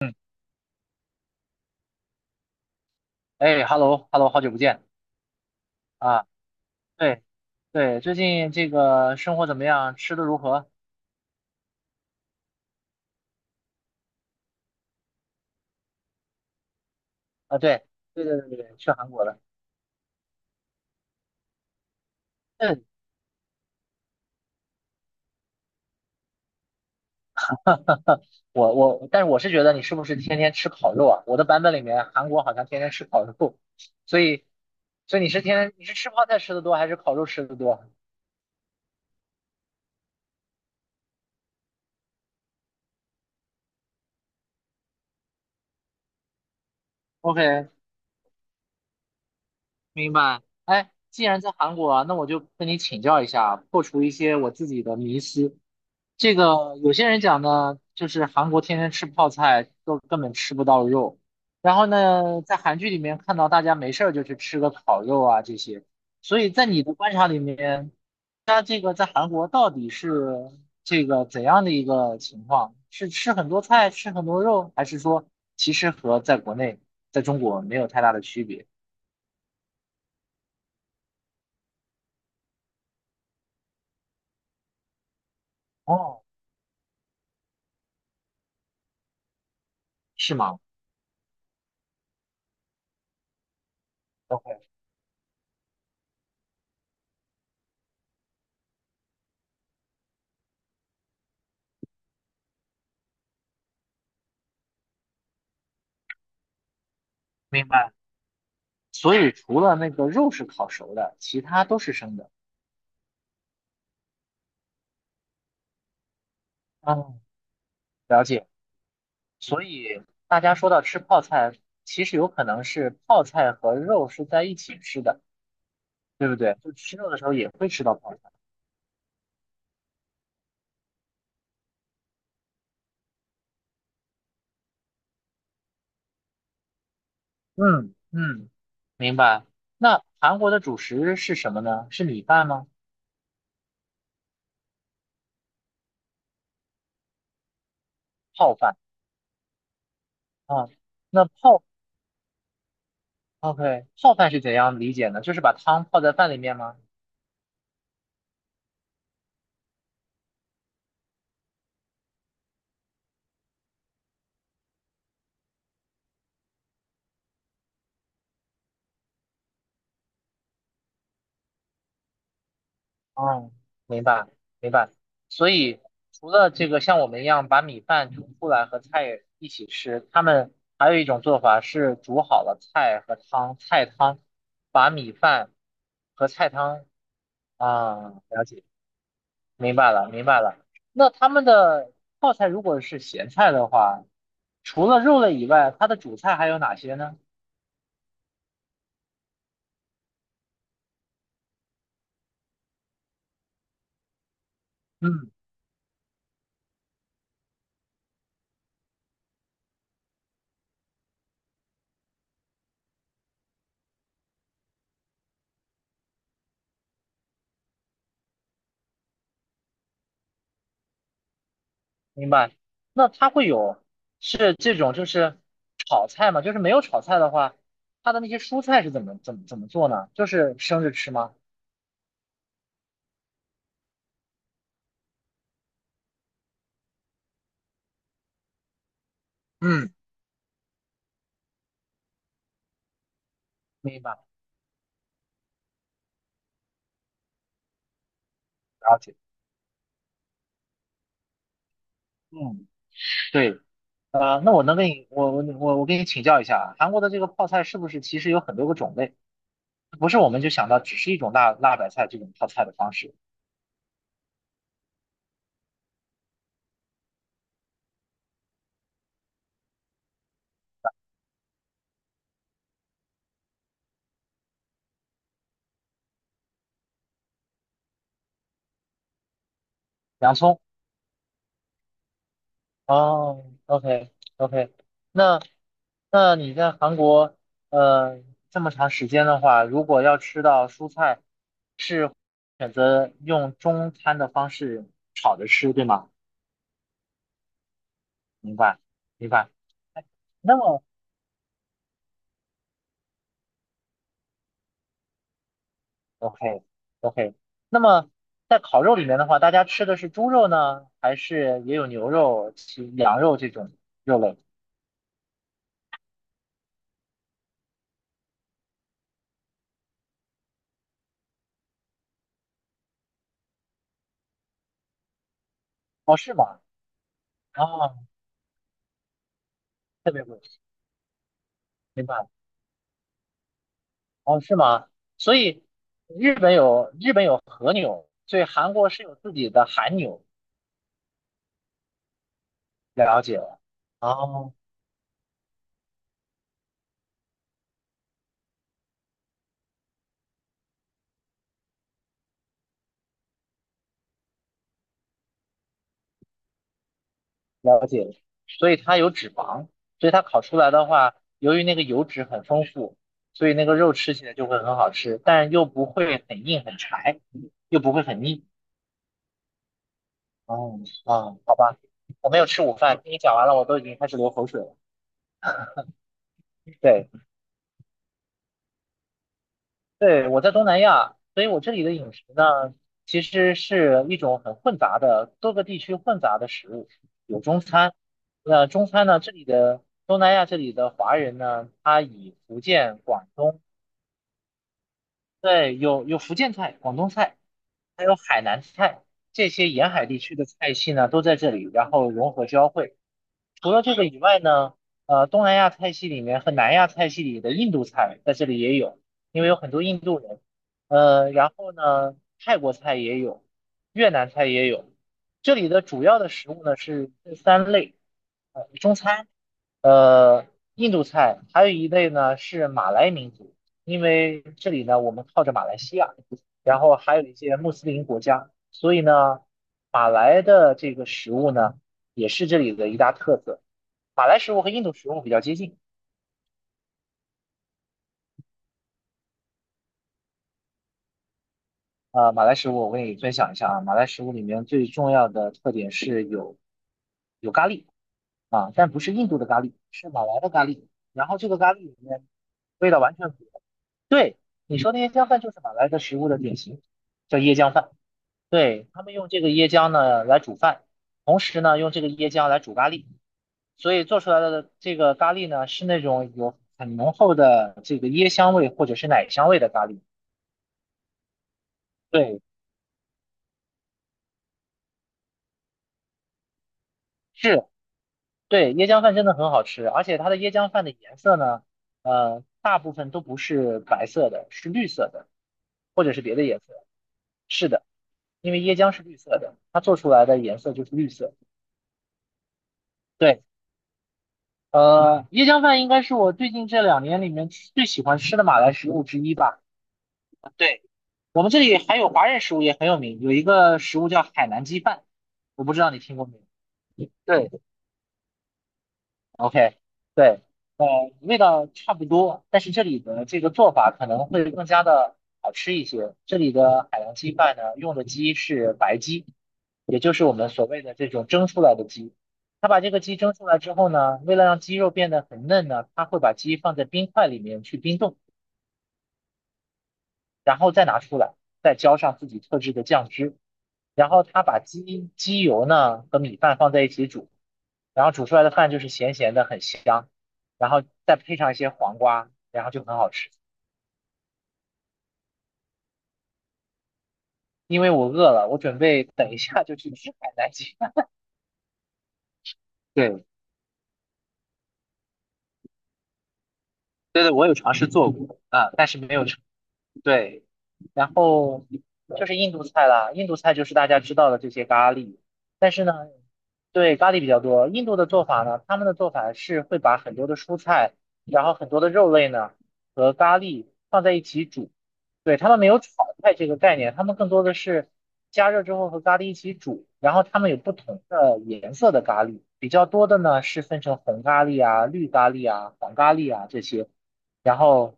嗯。哎，hello，hello，好久不见啊！对，对，最近这个生活怎么样？吃的如何？啊，对，对对对对，去韩国了。嗯，但是我是觉得你是不是天天吃烤肉啊？我的版本里面，韩国好像天天吃烤肉，所以，所以你是天天你是吃泡菜吃的多，还是烤肉吃的多？OK，明白。哎，既然在韩国啊，那我就跟你请教一下，破除一些我自己的迷思。这个有些人讲呢，就是韩国天天吃泡菜，都根本吃不到肉。然后呢，在韩剧里面看到大家没事儿就去吃个烤肉啊这些。所以在你的观察里面，他这个在韩国到底是这个怎样的一个情况？是吃很多菜，吃很多肉，还是说其实和在国内，在中国没有太大的区别？哦，是吗？OK，明白。所以除了那个肉是烤熟的，其他都是生的。嗯，了解。所以大家说到吃泡菜，其实有可能是泡菜和肉是在一起吃的，对不对？就吃肉的时候也会吃到泡菜。嗯嗯，明白。那韩国的主食是什么呢？是米饭吗？泡饭啊。那泡，OK，泡饭是怎样理解呢？就是把汤泡在饭里面吗？哦，明白明白。所以除了这个像我们一样把米饭煮出来和菜一起吃，他们还有一种做法是煮好了菜和汤，菜汤把米饭和菜汤啊，了解，明白了明白了。那他们的泡菜如果是咸菜的话，除了肉类以外，它的主菜还有哪些呢？嗯明白。那它会有是这种就是炒菜吗？就是没有炒菜的话，它的那些蔬菜是怎么做呢？就是生着吃吗？嗯，明白，了解。嗯，对啊，那我能跟你我跟你请教一下啊，韩国的这个泡菜是不是其实有很多个种类？不是我们就想到只是一种辣辣白菜这种泡菜的方式，洋葱。哦，OK OK，那你在韩国呃这么长时间的话，如果要吃到蔬菜，是选择用中餐的方式炒着吃，对吗？明白明白。那么 OK OK，那么在烤肉里面的话，大家吃的是猪肉呢，还是也有牛肉、其羊肉这种肉类？哦，是吗？哦，特别贵，明白。哦，是吗？所以日本有和牛，所以韩国是有自己的韩牛。了解了，哦，了解了。所以它有脂肪，所以它烤出来的话，由于那个油脂很丰富，所以那个肉吃起来就会很好吃，但又不会很硬很柴，又不会很腻。哦，啊，好吧，我没有吃午饭，听你讲完了，我都已经开始流口水了。对。对，我在东南亚，所以我这里的饮食呢，其实是一种很混杂的，多个地区混杂的食物，有中餐。那中餐呢，这里的华人呢，他以福建、广东，对，有福建菜、广东菜，还有海南菜，这些沿海地区的菜系呢都在这里，然后融合交汇。除了这个以外呢，东南亚菜系里面和南亚菜系里的印度菜在这里也有，因为有很多印度人。然后呢，泰国菜也有，越南菜也有。这里的主要的食物呢是这三类，呃，中餐，呃，印度菜，还有一类呢是马来民族，因为这里呢我们靠着马来西亚。然后还有一些穆斯林国家，所以呢，马来的这个食物呢，也是这里的一大特色。马来食物和印度食物比较接近啊、马来食物我跟你分享一下啊，马来食物里面最重要的特点是有咖喱啊，但不是印度的咖喱，是马来的咖喱。然后这个咖喱里面味道完全不一样。对，你说那些浆饭就是马来的食物的典型，叫椰浆饭。对，他们用这个椰浆呢来煮饭，同时呢用这个椰浆来煮咖喱。所以做出来的这个咖喱呢，是那种有很浓厚的这个椰香味或者是奶香味的咖喱。对，是，对，椰浆饭真的很好吃，而且它的椰浆饭的颜色呢，大部分都不是白色的，是绿色的，或者是别的颜色。是的，因为椰浆是绿色的，它做出来的颜色就是绿色。对，呃，椰浆饭应该是我最近这两年里面最喜欢吃的马来食物之一吧。对。我们这里还有华人食物也很有名，有一个食物叫海南鸡饭，我不知道你听过没有？对，OK，对，呃，味道差不多，但是这里的这个做法可能会更加的好吃一些。这里的海南鸡饭呢，用的鸡是白鸡，也就是我们所谓的这种蒸出来的鸡。他把这个鸡蒸出来之后呢，为了让鸡肉变得很嫩呢，他会把鸡放在冰块里面去冰冻，然后再拿出来，再浇上自己特制的酱汁。然后他把鸡鸡油呢和米饭放在一起煮，然后煮出来的饭就是咸咸的，很香，然后再配上一些黄瓜，然后就很好吃。因为我饿了，我准备等一下就去吃海南鸡饭。对，对对，我有尝试做过啊，但是没有成对，然后就是印度菜啦，印度菜就是大家知道的这些咖喱，但是呢，对，咖喱比较多。印度的做法呢，他们的做法是会把很多的蔬菜，然后很多的肉类呢和咖喱放在一起煮，对，他们没有炒菜这个概念，他们更多的是加热之后和咖喱一起煮，然后他们有不同的颜色的咖喱，比较多的呢是分成红咖喱啊、绿咖喱啊、黄咖喱啊这些。然后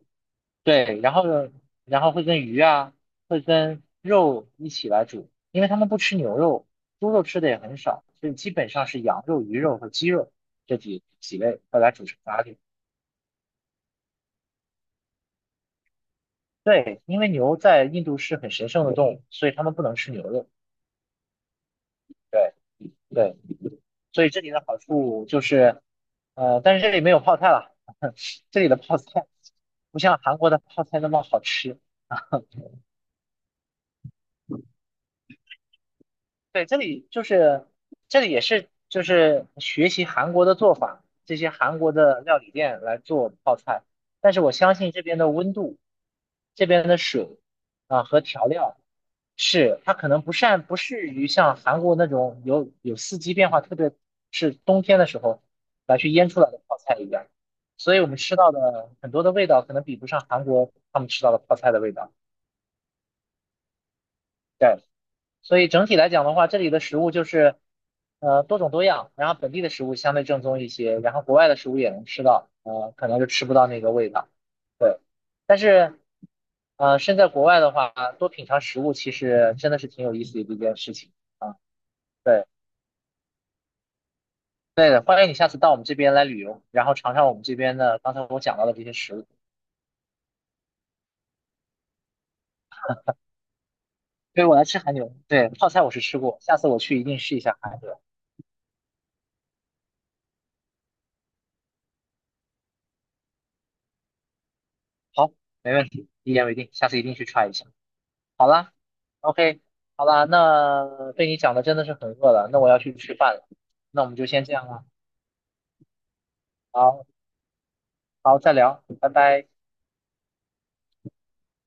对，然后呢，然后会跟鱼啊，会跟肉一起来煮，因为他们不吃牛肉，猪肉吃的也很少，所以基本上是羊肉、鱼肉和鸡肉这几类会来煮成咖喱。对，因为牛在印度是很神圣的动物，所以他们不能吃牛肉。对对，所以这里的好处就是，呃，但是这里没有泡菜了，这里的泡菜不像韩国的泡菜那么好吃。对，这里就是这里也是就是学习韩国的做法，这些韩国的料理店来做泡菜，但是我相信这边的温度，这边的水啊和调料是它可能不善不适于像韩国那种有四季变化，特别是冬天的时候来去腌出来的泡菜一样，所以我们吃到的很多的味道可能比不上韩国他们吃到的泡菜的味道。对。所以整体来讲的话，这里的食物就是呃多种多样，然后本地的食物相对正宗一些，然后国外的食物也能吃到，呃，可能就吃不到那个味道。对，但是呃身在国外的话，多品尝食物其实真的是挺有意思的一件事情啊。对，对的，欢迎你下次到我们这边来旅游，然后尝尝我们这边的刚才我讲到的这些食物。对，我来吃韩牛，对，泡菜我是吃过，下次我去一定试一下韩牛。好，没问题，一言为定，下次一定去 try 一下。好啦，OK，好啦，那被你讲的真的是很饿了，那我要去吃饭了，那我们就先这样了，好，好，再聊，拜拜。